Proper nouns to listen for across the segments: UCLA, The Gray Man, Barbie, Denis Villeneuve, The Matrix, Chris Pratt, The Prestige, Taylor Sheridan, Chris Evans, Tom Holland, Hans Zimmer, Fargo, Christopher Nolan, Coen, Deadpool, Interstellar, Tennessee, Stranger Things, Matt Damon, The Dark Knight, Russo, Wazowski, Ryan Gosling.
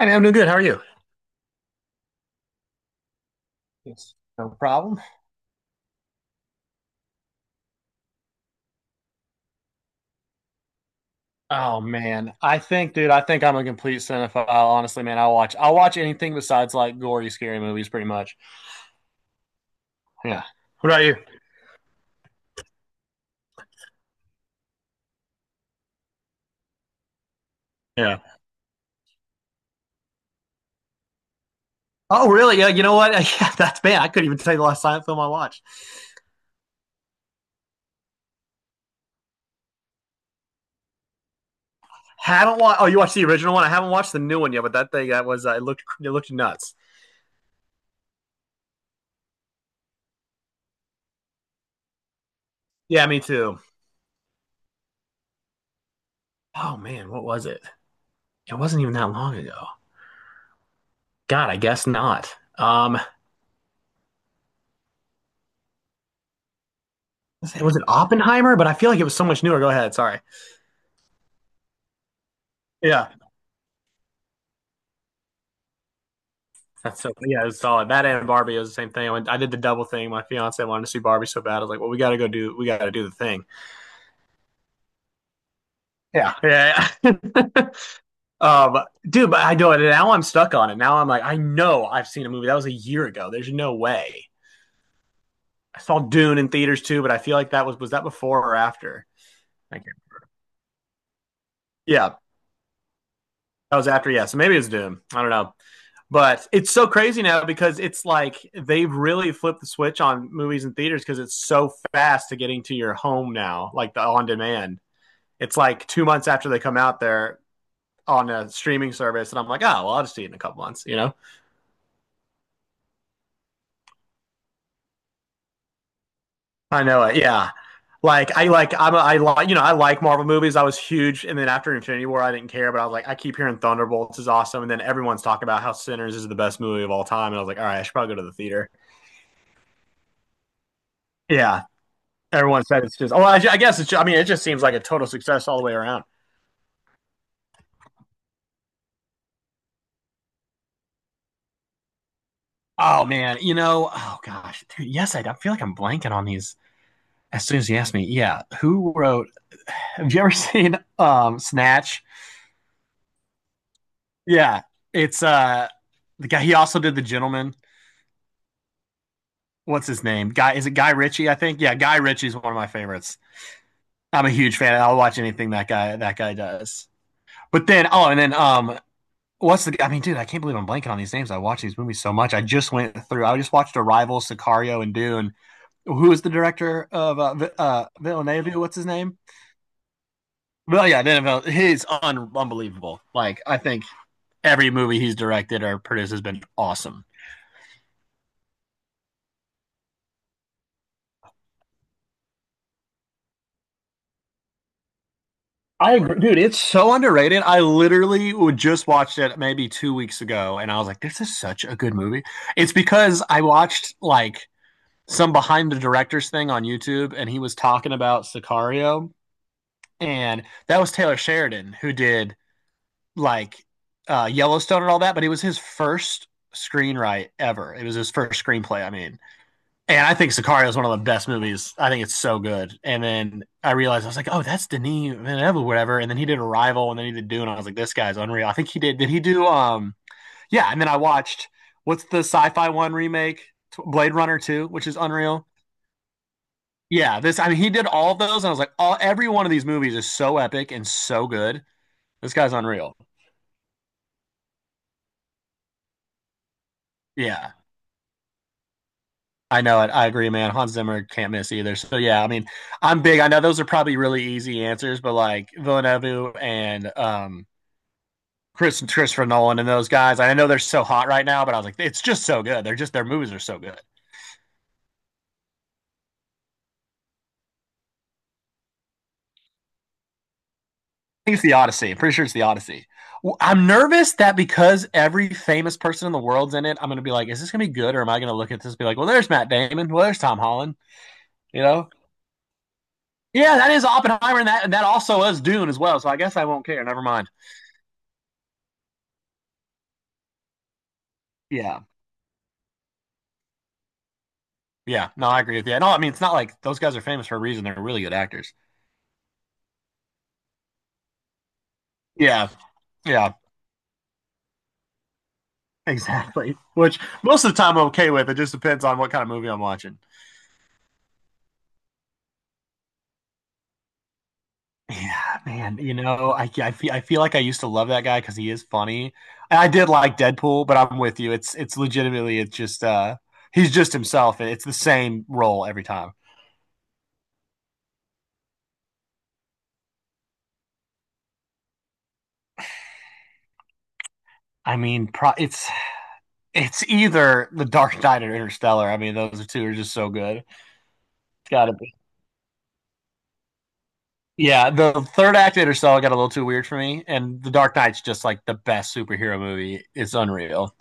I mean, I'm doing good. How are you? Yes, no problem. Oh man, I think, dude, I think I'm a complete cinephile. Honestly, man, I'll watch anything besides like gory, scary movies, pretty much. Yeah. What about you? Yeah. Oh, really? Yeah. You know what? Yeah, that's bad. I couldn't even tell you the last silent film I watched. Haven't watched. Oh, you watched the original one. I haven't watched the new one yet, but that thing that was it looked nuts. Yeah, me too. Oh man, what was it? It wasn't even that long ago. God, I guess not. Was it Oppenheimer? But I feel like it was so much newer. Go ahead. Sorry. Yeah. That's so yeah, it's solid. That and Barbie was the same thing. I did the double thing. My fiance wanted to see Barbie so bad. I was like, well, we got to do the thing. Yeah. Yeah, yeah. um, dude, but I know it. Now I'm stuck on it. Now I'm like, I know I've seen a movie that was a year ago. There's no way. I saw Dune in theaters too, but I feel like that was that before or after? Thank you. Yeah, that was after, yeah. So maybe it's Doom. I don't know. But it's so crazy now because it's like they've really flipped the switch on movies and theaters because it's so fast to getting to your home now, like the on demand. It's like 2 months after they come out, there on a streaming service, and I'm like, oh, well, I'll just see it in a couple months. I know it, yeah. I'm a, I like I like Marvel movies. I was huge, and then after Infinity War, I didn't care. But I was like, I keep hearing Thunderbolts is awesome, and then everyone's talking about how Sinners is the best movie of all time, and I was like, all right, I should probably go to the theater. Yeah, everyone said it's just. Oh, I guess it's. Just, I mean, it just seems like a total success all the way around. Oh man, you know, oh gosh, dude, yes, I feel like I'm blanking on these. As soon as you asked me, yeah, who wrote? Have you ever seen Snatch? Yeah, it's the guy. He also did The Gentleman. What's his name? Guy, is it Guy Ritchie? I think. Yeah, Guy Ritchie's one of my favorites. I'm a huge fan. I'll watch anything that guy does. But then, oh, and then what's the? I mean, dude, I can't believe I'm blanking on these names. I watch these movies so much. I just went through. I just watched Arrival, Sicario, and Dune. Who is the director of Villeneuve? What's his name? Well, yeah, Villeneuve. He's unbelievable. Like, I think every movie he's directed or produced has been awesome. I agree, dude. It's so underrated. I literally just watched it maybe 2 weeks ago, and I was like, "This is such a good movie." It's because I watched like some behind the directors thing on YouTube, and he was talking about Sicario, and that was Taylor Sheridan who did like Yellowstone and all that, but it was his first screenwrite ever. It was his first screenplay. I mean, and I think Sicario is one of the best movies. I think it's so good. And then I realized I was like, oh, that's Denis Villeneuve, or whatever. And then he did Arrival, and then he did Dune. I was like, this guy's unreal. I think he did. Did he do? Yeah. And then I watched what's the sci-fi one remake, Blade Runner Two, which is unreal. Yeah, this. I mean, he did all of those, and I was like, all every one of these movies is so epic and so good. This guy's unreal. Yeah, I know it. I agree, man. Hans Zimmer can't miss either. So yeah, I mean, I'm big. I know those are probably really easy answers, but like Villeneuve and Christopher Nolan and those guys, I know they're so hot right now, but I was like, it's just so good. They're just their movies are so good. I think it's the Odyssey. I'm pretty sure it's the Odyssey. Well, I'm nervous that because every famous person in the world's in it, I'm gonna be like, is this gonna be good, or am I gonna look at this and be like, well, there's Matt Damon, well, there's Tom Holland, you know? Yeah, that is Oppenheimer, and that also is Dune as well. So I guess I won't care. Never mind. Yeah. Yeah, no, I agree with you. I know. I mean, it's not like those guys are famous for a reason. They're really good actors. Yeah, yeah, exactly. Which most of the time I'm okay with. It just depends on what kind of movie I'm watching. Yeah, man. You know, I feel like I used to love that guy because he is funny. And I did like Deadpool, but I'm with you. It's legitimately it's just he's just himself, it's the same role every time. I mean, it's either The Dark Knight or Interstellar. I mean, those two are just so good. It's got to be. Yeah, the third act of Interstellar got a little too weird for me, and The Dark Knight's just like the best superhero movie. It's unreal.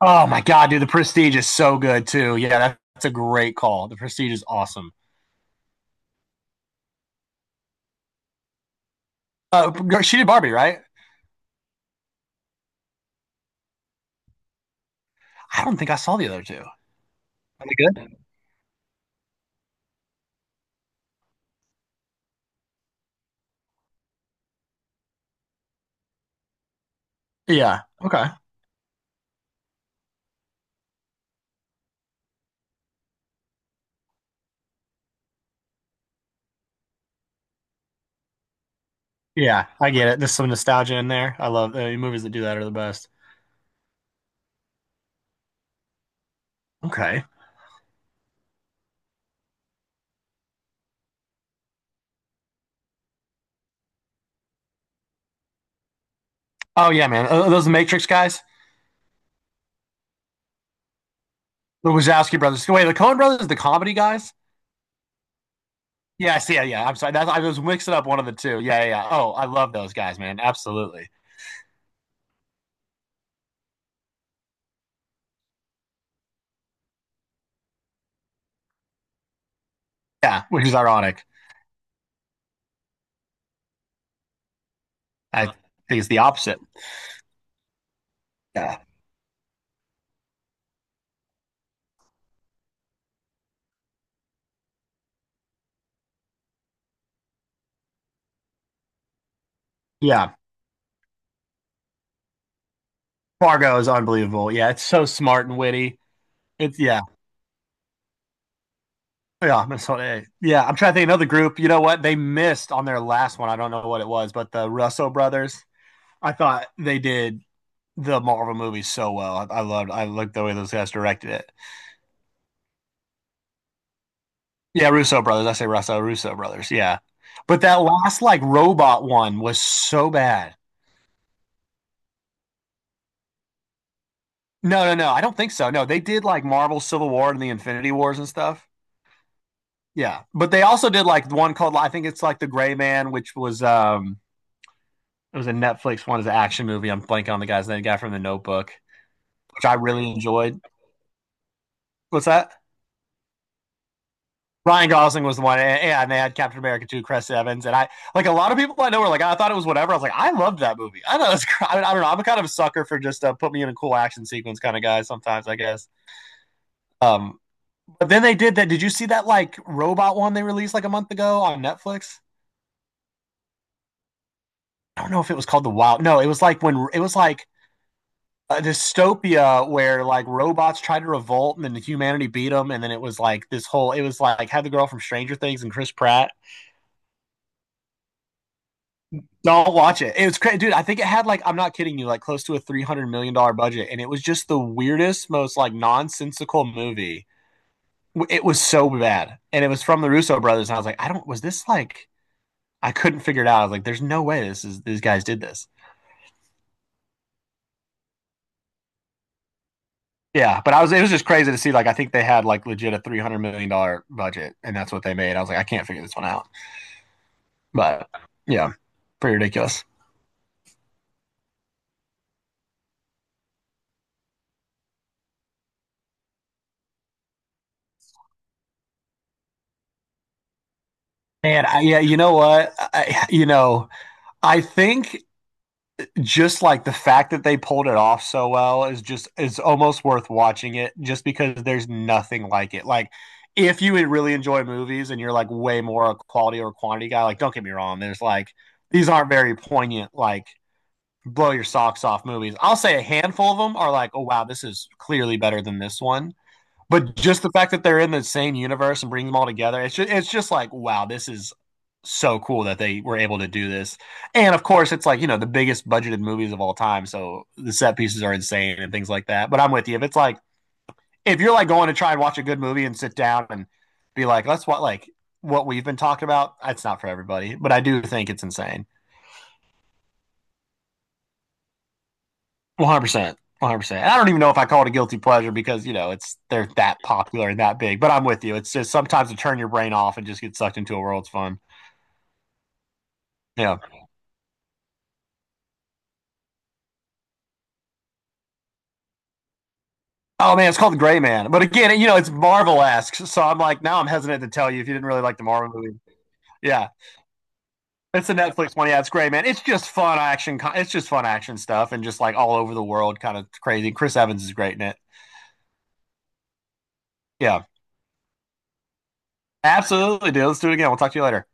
Oh my god, dude, The Prestige is so good too. Yeah, that's a great call. The Prestige is awesome. She did Barbie, right? I don't think I saw the other two. Are they good? Yeah. Okay. Yeah, I get it. There's some nostalgia in there. I love movies that do that are the best. Okay. Oh yeah, man. Are those the Matrix guys, the Wazowski brothers. Wait, the Coen brothers, the comedy guys. Yes, yeah, yeah. I'm sorry. That's, I was mixing up one of the two. Yeah, yeah, yeah. Oh, I love those guys, man. Absolutely. Yeah, which is ironic. I think it's the opposite. Yeah. Yeah. Fargo is unbelievable. Yeah, it's so smart and witty. It's yeah. Yeah, that's what yeah. I'm trying to think of another group. You know what? They missed on their last one. I don't know what it was, but the Russo brothers. I thought they did the Marvel movies so well. I loved I liked the way those guys directed it. Yeah, Russo brothers. I say Russo, Russo brothers. Yeah. But that last like robot one was so bad. No, no, no. I don't think so. No, they did like Marvel Civil War and the Infinity Wars and stuff. Yeah. But they also did like one called I think it's like The Gray Man, which was it was a Netflix one, is an action movie. I'm blanking on the guy's name, the guy from the notebook, which I really enjoyed. What's that? Ryan Gosling was the one, and, they had Captain America 2, Chris Evans, and I like a lot of people I know were like, I thought it was whatever. I was like, I loved that movie. I thought it was. I, mean, I don't know. I'm a kind of a sucker for just put me in a cool action sequence kind of guy sometimes, I guess. Um, but then they did that. Did you see that like robot one they released like a month ago on Netflix? I don't know if it was called The Wild. No, it was like when it was like a dystopia where like robots tried to revolt and then humanity beat them, and then it was like this whole. It was like had the girl from Stranger Things and Chris Pratt. Don't watch it. It was crazy, dude. I think it had like I'm not kidding you, like close to a $300 million budget, and it was just the weirdest, most like nonsensical movie. It was so bad, and it was from the Russo brothers. And I was like, I don't. Was this like? I couldn't figure it out. I was like, there's no way this is these guys did this. Yeah, but I was. It was just crazy to see. Like, I think they had like legit a $300 million budget, and that's what they made. I was like, I can't figure this one out. But yeah, pretty ridiculous. And yeah, you know what? You know, I think just like the fact that they pulled it off so well is just is almost worth watching it just because there's nothing like it. Like if you would really enjoy movies and you're like way more a quality or quantity guy, like don't get me wrong, there's like these aren't very poignant like blow your socks off movies. I'll say a handful of them are like, oh wow, this is clearly better than this one, but just the fact that they're in the same universe and bring them all together, it's just like, wow, this is so cool that they were able to do this. And of course, it's like, you know, the biggest budgeted movies of all time. So the set pieces are insane and things like that. But I'm with you. If it's like, if you're like going to try and watch a good movie and sit down and be like, let's what, like, what we've been talking about, it's not for everybody. But I do think it's insane. 100%, 100%. And I don't even know if I call it a guilty pleasure because you know it's they're that popular and that big. But I'm with you. It's just sometimes to turn your brain off and just get sucked into a world's fun. Yeah. Oh man, it's called the Gray Man. But again, you know, it's Marvel esque. So I'm like, now I'm hesitant to tell you if you didn't really like the Marvel movie. Yeah. It's a Netflix one. Yeah, it's great, man. It's just fun action. It's just fun action stuff and just like all over the world, kind of crazy. Chris Evans is great in it. Yeah, absolutely, dude. Let's do it again. We'll talk to you later.